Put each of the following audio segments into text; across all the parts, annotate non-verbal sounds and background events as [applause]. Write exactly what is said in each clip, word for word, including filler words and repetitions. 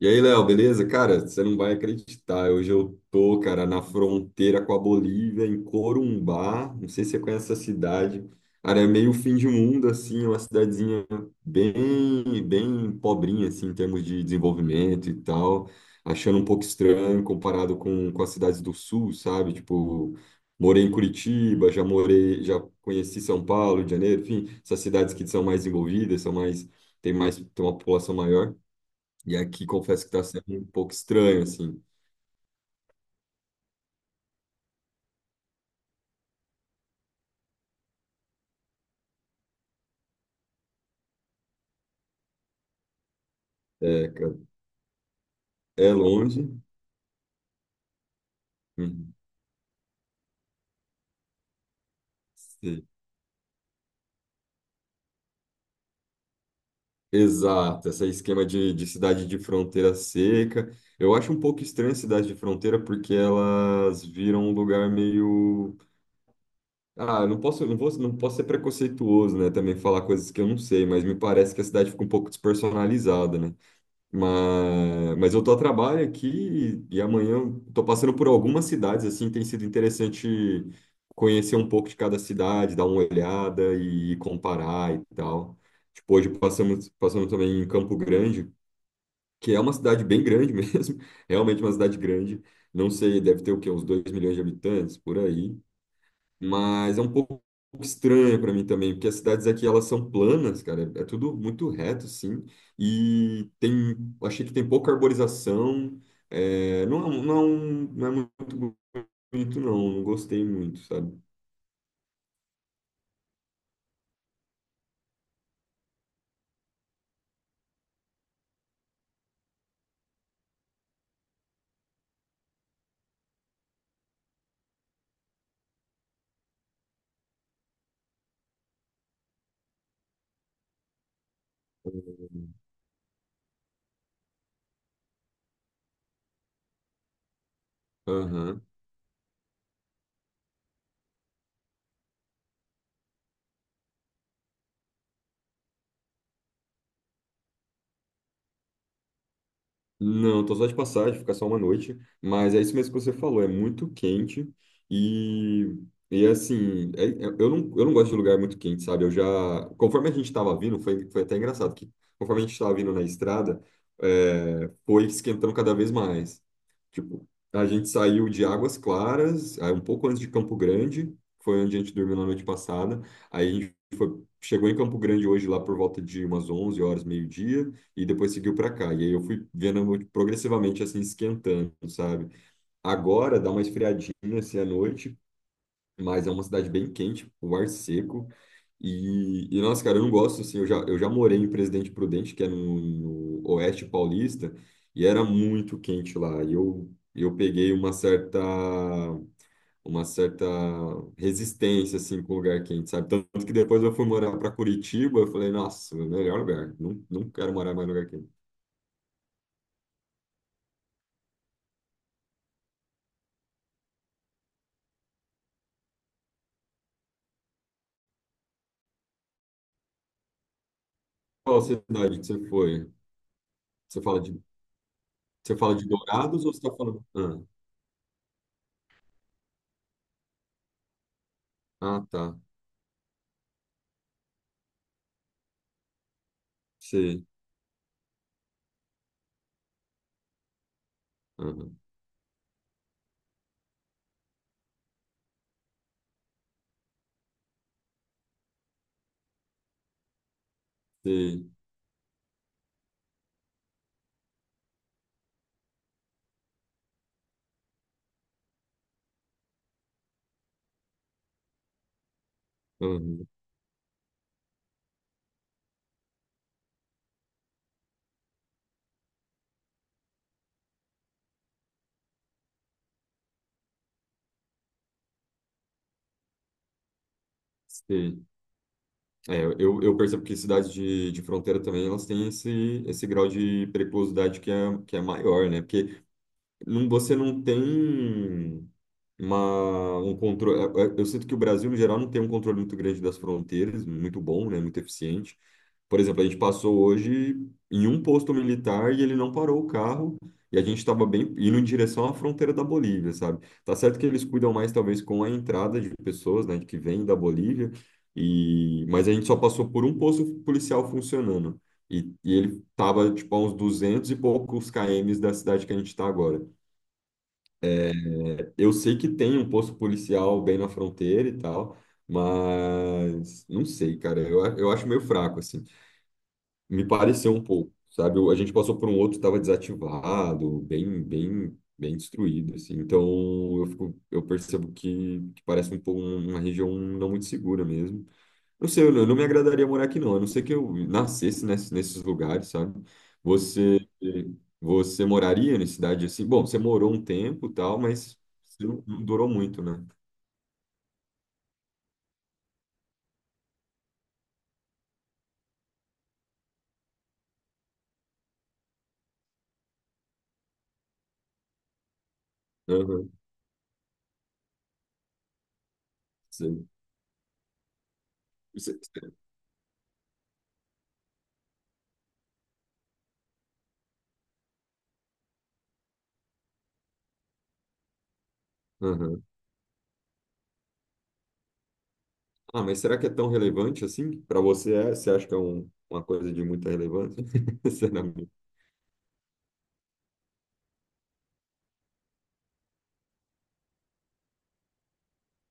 E aí, Léo, beleza? Cara, você não vai acreditar. Hoje eu tô, cara, na fronteira com a Bolívia, em Corumbá. Não sei se você conhece essa cidade. Cara, é meio fim de mundo, assim, é uma cidadezinha bem, bem pobrinha, assim, em termos de desenvolvimento e tal. Achando um pouco estranho comparado com, com as cidades do sul, sabe? Tipo, morei em Curitiba, já morei, já conheci São Paulo, Rio de Janeiro, enfim, essas cidades que são mais envolvidas, são mais, tem mais, tem uma população maior. E aqui confesso que está sendo um pouco estranho, assim. É, cara, é longe. Uhum. Sim. Exato, esse esquema de, de cidade de fronteira seca. Eu acho um pouco estranho a cidade de fronteira porque elas viram um lugar meio. Ah, eu não posso, não vou, não posso ser preconceituoso, né? Também falar coisas que eu não sei, mas me parece que a cidade fica um pouco despersonalizada, né? Mas, mas eu tô a trabalho aqui e, e amanhã eu tô passando por algumas cidades, assim, tem sido interessante conhecer um pouco de cada cidade, dar uma olhada e comparar e tal. Tipo, hoje passamos, passamos também em Campo Grande, que é uma cidade bem grande [laughs] mesmo, realmente uma cidade grande. Não sei, deve ter o quê? Uns dois milhões de habitantes, por aí. Mas é um pouco estranha para mim também, porque as cidades aqui elas são planas, cara, é tudo muito reto, sim, e tem, achei que tem pouca arborização, é, não, é um- não, é um- não é muito bonito, não, não gostei muito, sabe? Aham. Não, tô só de passagem, ficar só uma noite, mas é isso mesmo que você falou, é muito quente e, e assim, é- é- eu não, eu não gosto de lugar muito quente, sabe? Eu já, conforme a gente estava vindo, foi, foi até engraçado que conforme a gente estava vindo na estrada, é, foi esquentando cada vez mais. Tipo, a gente saiu de Águas Claras, aí um pouco antes de Campo Grande, foi onde a gente dormiu na noite passada. Aí a gente foi, chegou em Campo Grande hoje lá por volta de umas onze horas, meio-dia, e depois seguiu para cá. E aí eu fui vendo progressivamente assim esquentando, sabe? Agora dá uma esfriadinha assim à noite, mas é uma cidade bem quente, o ar seco. E, e, nossa, cara, eu não gosto, assim, eu já, eu já morei em Presidente Prudente, que é no, no Oeste Paulista, e era muito quente lá, e eu, eu peguei uma certa, uma certa resistência, assim, com o lugar quente, sabe? Tanto que depois eu fui morar para Curitiba, eu falei, nossa, melhor lugar, não, não quero morar mais em lugar quente. Qual cidade que você foi? Você fala de, Você fala de Dourados ou você tá falando... Ah, ah, tá, sei, aham, sei, aham, sei. É, eu, eu percebo que cidades de, de fronteira também elas têm esse, esse grau de periculosidade que é, que é maior, né? Porque não- você não tem uma, um controle. Eu eu- eu sinto que o Brasil, no geral, não tem um controle muito grande das fronteiras, muito bom, né? Muito eficiente. Por exemplo, a gente passou hoje em um posto militar e ele não parou o carro e a gente estava bem indo em direção à fronteira da Bolívia, sabe? Tá certo que eles cuidam mais, talvez, com a entrada de pessoas, né, que vêm da Bolívia, e... mas a gente só passou por um posto policial funcionando. E, e ele estava, tipo, a uns duzentos e poucos km da cidade que a gente está agora. Eu sei que tem um posto policial bem na fronteira e tal, mas não sei, cara. Eu, a- eu acho meio fraco, assim. Me pareceu um pouco, sabe? Eu- A gente passou por um outro que estava desativado, bem, bem, bem destruído, assim. Então eu fico, eu percebo que, que parece um pouco um, uma região não muito segura mesmo. Eu sei, eu não eu não me agradaria morar aqui, não. A não ser que eu nascesse ness- nesses lugares, sabe? Você, você moraria em cidade assim? Bom, você morou um tempo, e tal, mas você não não durou muito, né? Aham, sei. Você- você- aham. Ah, mas será que é tão relevante assim? Para você, é, você acha que é um- uma coisa de muita relevância? [laughs] Sinceramente.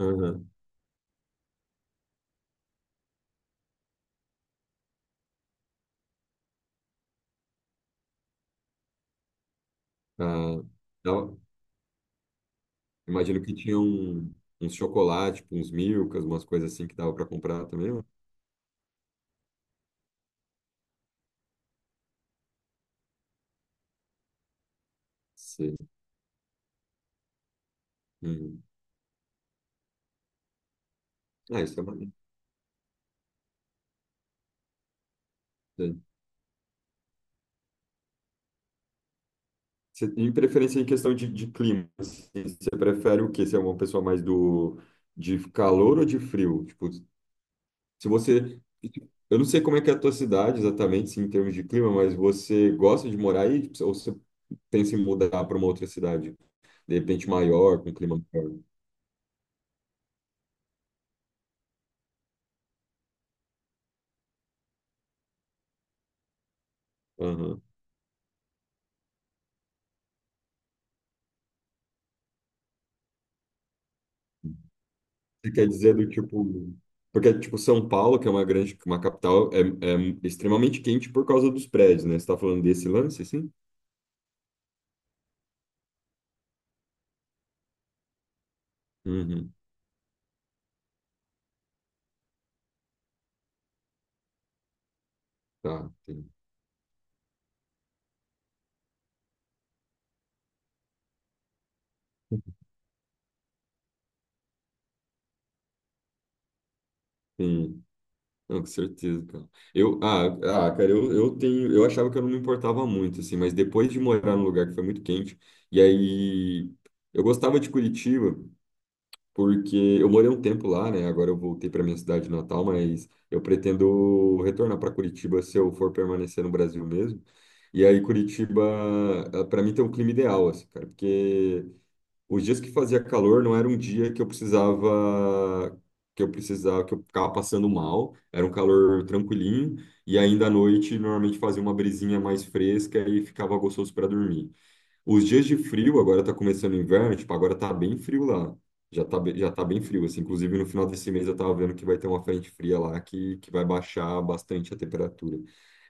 Aham. Ah, dava- imagino que tinha um, uns chocolates, tipo, uns milkas, umas coisas assim que dava para comprar também, né? Sei. Uhum. Ah, isso é maneiro. Você, em preferência em questão de, de clima, assim, você prefere o quê? Você é uma pessoa mais do de calor ou de frio? Tipo, se você, eu não sei como é que é a tua cidade exatamente, assim, em termos de clima, mas você gosta de morar aí. Tipo, ou você pensa em mudar para uma outra cidade, de repente maior, com clima maior? Aham. Você quer dizer do tipo, porque tipo São Paulo, que é uma grande, uma capital, é, é extremamente quente por causa dos prédios, né? Você está falando desse lance, assim? Uhum. Tá. Sim. Sim. Não, com certeza, cara. Eu, ah, ah, cara, eu, eu tenho, eu achava que eu não me importava muito, assim, mas depois de morar num lugar que foi muito quente, e aí eu gostava de Curitiba, porque eu morei um tempo lá, né? Agora eu voltei para minha cidade natal, mas eu pretendo retornar para Curitiba se eu for permanecer no Brasil mesmo. E aí Curitiba, para mim tem um clima ideal, assim, cara, porque os dias que fazia calor não era um dia que eu precisava, que eu precisava, que eu ficava passando mal. Era um calor tranquilinho e ainda à noite normalmente fazia uma brisinha mais fresca e ficava gostoso para dormir. Os dias de frio, agora tá começando o inverno, tipo, agora tá bem frio lá. Já tá, be- já tá bem frio, assim. Inclusive, no final desse mês eu tava vendo que vai ter uma frente fria lá que, que vai baixar bastante a temperatura.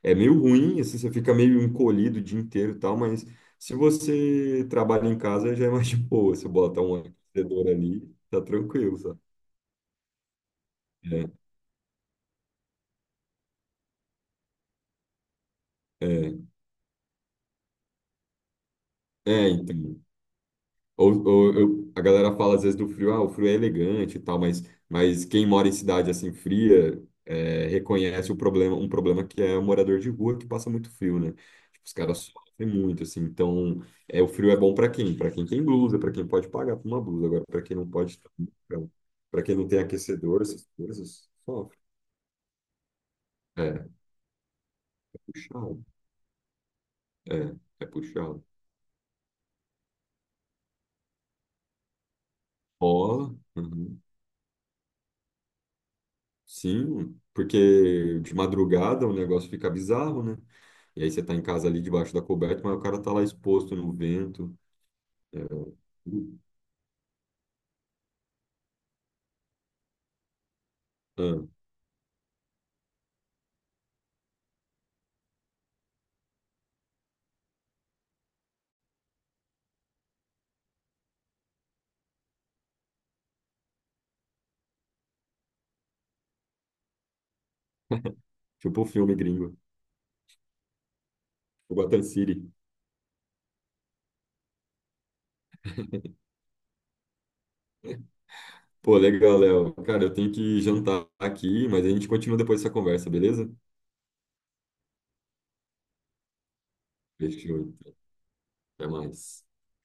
É meio ruim, assim, você fica meio encolhido o dia inteiro e tal, mas se você trabalha em casa já é mais de boa. Você bota um aquecedor ali, tá tranquilo, sabe? É, é, é, então. Ou, ou eu- a galera fala às vezes do frio, ah, o frio é elegante e tal, mas, mas quem mora em cidade assim fria é, reconhece o problema, um problema que é o morador de rua que passa muito frio, né? Tipo, os caras sofrem muito, assim. Então, é, o frio é bom para quem? Para quem tem blusa, para quem pode pagar por uma blusa. Agora, para quem não pode, para quem não tem aquecedor, essas coisas, sofre. É, é puxado. É, é puxado. Rola. Uhum. Sim, porque de madrugada o negócio fica bizarro, né? E aí você tá em casa ali debaixo da coberta, mas o cara tá lá exposto no vento. É, ah, tipo o filme gringo, o Gotham City. Pô, legal, Léo. Cara, eu tenho que jantar aqui, mas a gente continua depois dessa conversa, beleza? Fechou, então. Até mais.